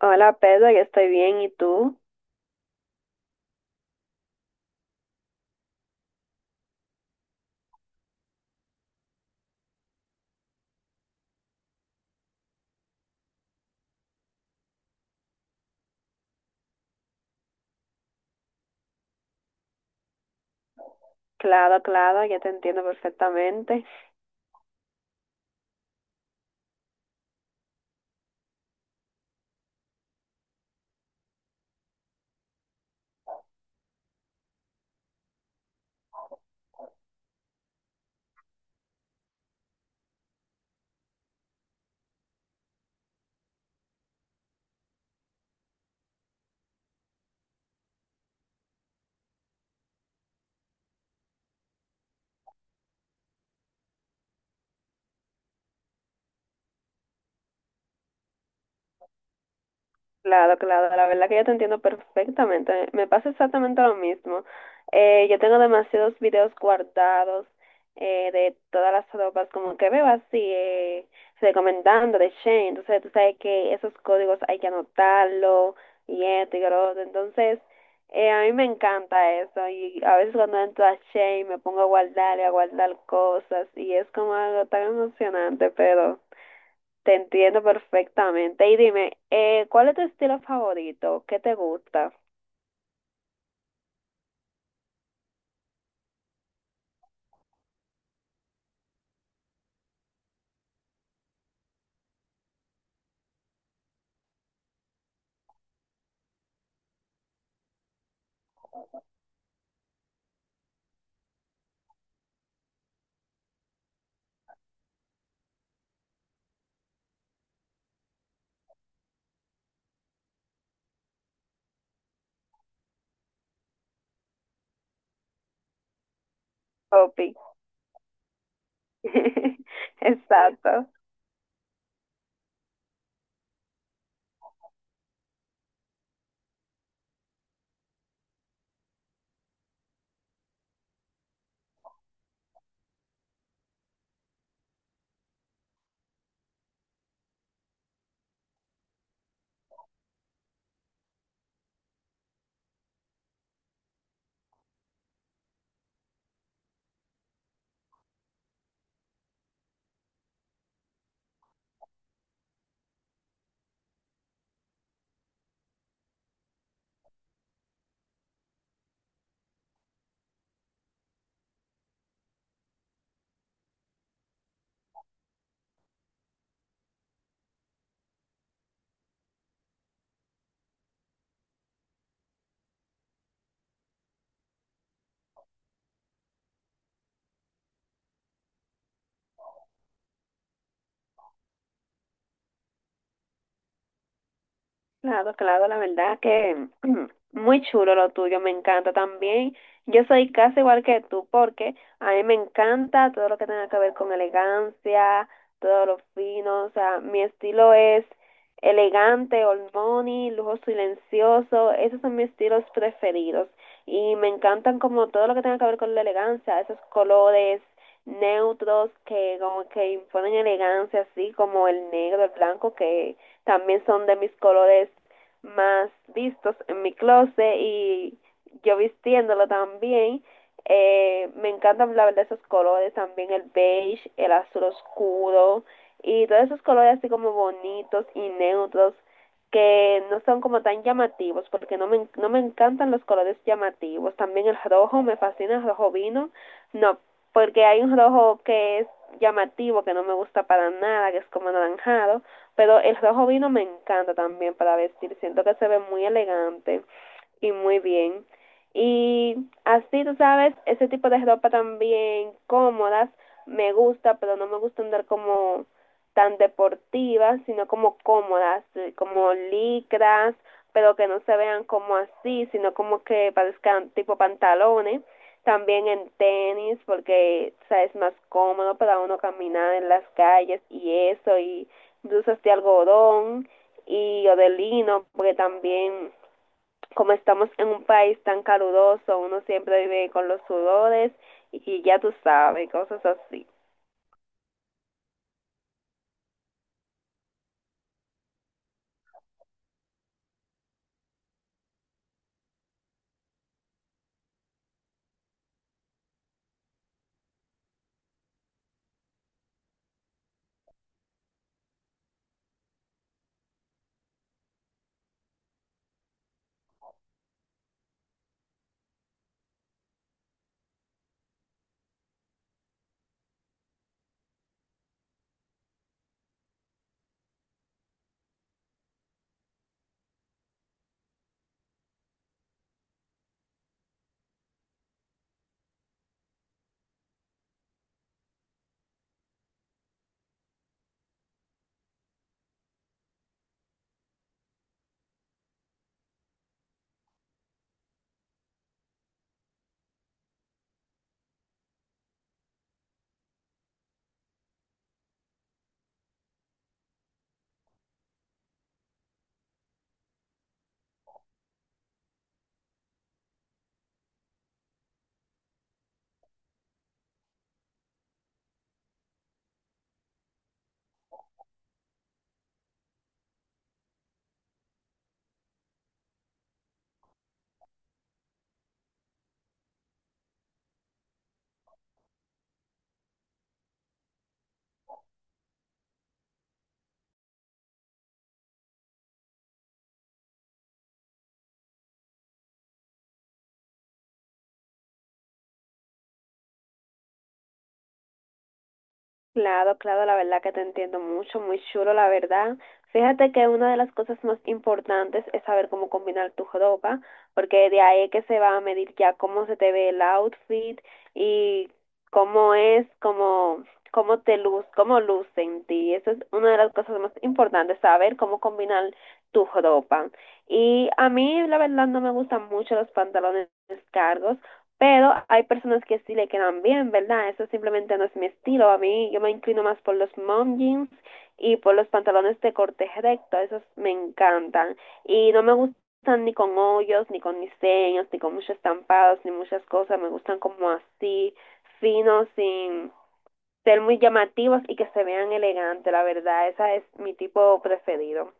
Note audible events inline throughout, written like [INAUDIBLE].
Hola Pedro, yo estoy bien. ¿Y tú? Claro, claro, ya te entiendo perfectamente. Claro, claro, la verdad que yo te entiendo perfectamente. Me pasa exactamente lo mismo. Yo tengo demasiados videos guardados, de todas las ropas, como que veo así, recomendando de Shane. Entonces, tú sabes que esos códigos hay que anotarlo y esto y lo otro. Entonces, a mí me encanta eso. Y a veces cuando entro a Shane me pongo a guardar y a guardar cosas y es como algo tan emocionante, pero... Te entiendo perfectamente. Y dime, ¿cuál es tu estilo favorito? ¿Qué te gusta, Poppy? [LAUGHS] Exacto. Claro, claro, la verdad que [CLEARS THROAT] muy chulo lo tuyo, me encanta también. Yo soy casi igual que tú porque a mí me encanta todo lo que tenga que ver con elegancia, todo lo fino, o sea, mi estilo es elegante, old money, lujo silencioso, esos son mis estilos preferidos y me encantan como todo lo que tenga que ver con la elegancia, esos colores neutros que como que imponen elegancia, así como el negro, el blanco que también son de mis colores más vistos en mi closet y yo vistiéndolo también. Me encantan la verdad esos colores, también el beige, el azul oscuro y todos esos colores así como bonitos y neutros que no son como tan llamativos porque no me encantan los colores llamativos. También el rojo, me fascina el rojo vino, no, porque hay un rojo que es llamativo, que no me gusta para nada, que es como anaranjado, pero el rojo vino me encanta también para vestir. Siento que se ve muy elegante y muy bien. Y así, tú sabes, ese tipo de ropa también cómodas me gusta, pero no me gusta andar como tan deportivas, sino como cómodas, como licras, pero que no se vean como así, sino como que parezcan tipo pantalones. También en tenis, porque o sea, es más cómodo para uno caminar en las calles y eso, y dulces de algodón y o de lino, porque también como estamos en un país tan caluroso, uno siempre vive con los sudores y ya tú sabes, cosas así. Claro, claro, la verdad que te entiendo mucho, muy chulo, la verdad. Fíjate que una de las cosas más importantes es saber cómo combinar tu ropa, porque de ahí es que se va a medir ya cómo se te ve el outfit y cómo es, cómo, cómo te luz, cómo luce en ti. Eso es una de las cosas más importantes, saber cómo combinar tu ropa. Y a mí, la verdad, no me gustan mucho los pantalones cargos. Pero hay personas que sí le quedan bien, ¿verdad? Eso simplemente no es mi estilo. A mí yo me inclino más por los mom jeans y por los pantalones de corte recto. Esos me encantan. Y no me gustan ni con hoyos, ni con diseños, ni con muchos estampados, ni muchas cosas. Me gustan como así, finos, sin ser muy llamativos y que se vean elegantes. La verdad, ese es mi tipo preferido.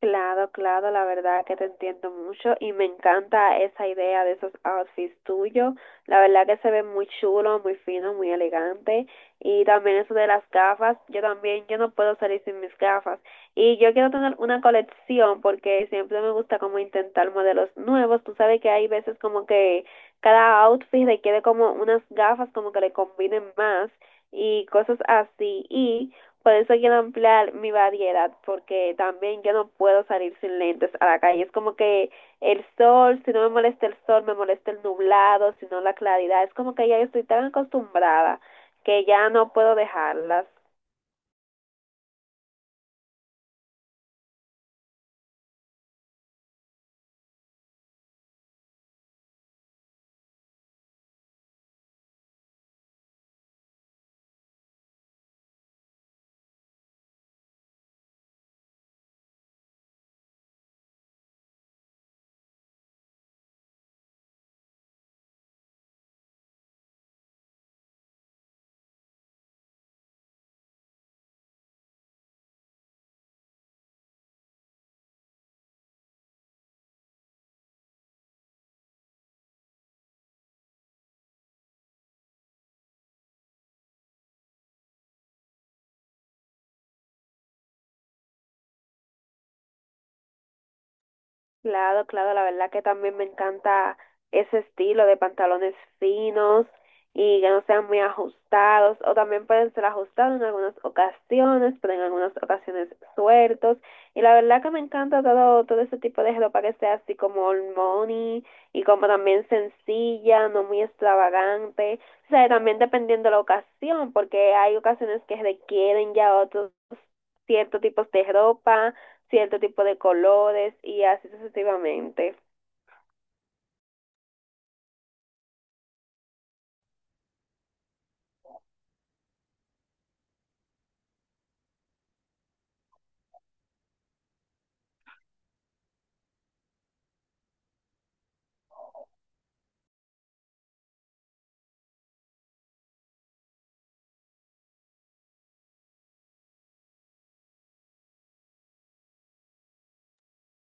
Claro, claro, la verdad que te entiendo mucho y me encanta esa idea de esos outfits tuyos. La verdad que se ve muy chulo, muy fino, muy elegante. Y también eso de las gafas, yo también, yo no puedo salir sin mis gafas. Y yo quiero tener una colección porque siempre me gusta como intentar modelos nuevos. Tú sabes que hay veces como que cada outfit requiere como unas gafas como que le combinen más y cosas así. Y por eso quiero ampliar mi variedad, porque también yo no puedo salir sin lentes a la calle. Es como que el sol, si no me molesta el sol, me molesta el nublado, si no la claridad. Es como que ya yo estoy tan acostumbrada que ya no puedo dejarlas. Claro, claro, la verdad que también me encanta ese estilo de pantalones finos y que no sean muy ajustados, o también pueden ser ajustados en algunas ocasiones, pero en algunas ocasiones sueltos. Y la verdad que me encanta todo, todo ese tipo de ropa que sea así como old money y como también sencilla, no muy extravagante. O sea, también dependiendo de la ocasión, porque hay ocasiones que requieren ya otros ciertos tipos de ropa, cierto tipo de colores y así sucesivamente.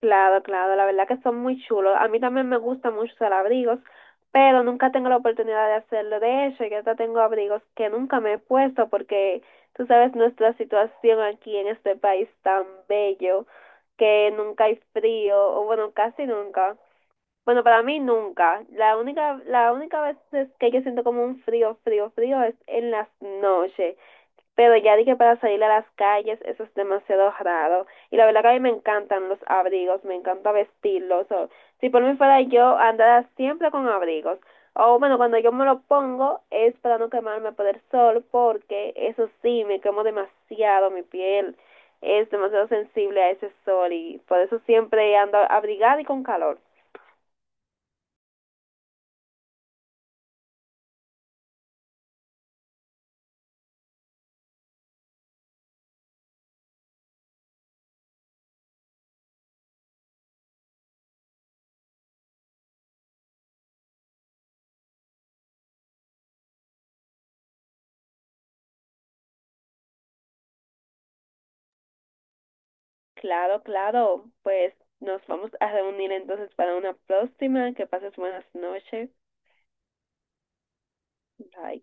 Claro, claro, la verdad que son muy chulos. A mí también me gustan mucho los abrigos, pero nunca tengo la oportunidad de hacerlo. De hecho, yo hasta tengo abrigos que nunca me he puesto porque tú sabes nuestra situación aquí en este país tan bello que nunca hay frío, o bueno, casi nunca. Bueno, para mí nunca. La única vez es que yo siento como un frío, frío, frío es en las noches. Pero ya dije para salir a las calles, eso es demasiado raro. Y la verdad que a mí me encantan los abrigos, me encanta vestirlos. Si por mí fuera yo, andara siempre con abrigos. O bueno, cuando yo me lo pongo es para no quemarme por el sol, porque eso sí, me quemo demasiado mi piel. Es demasiado sensible a ese sol y por eso siempre ando abrigada y con calor. Claro, claro, pues nos vamos a reunir entonces para una próxima. Que pases buenas noches. Bye.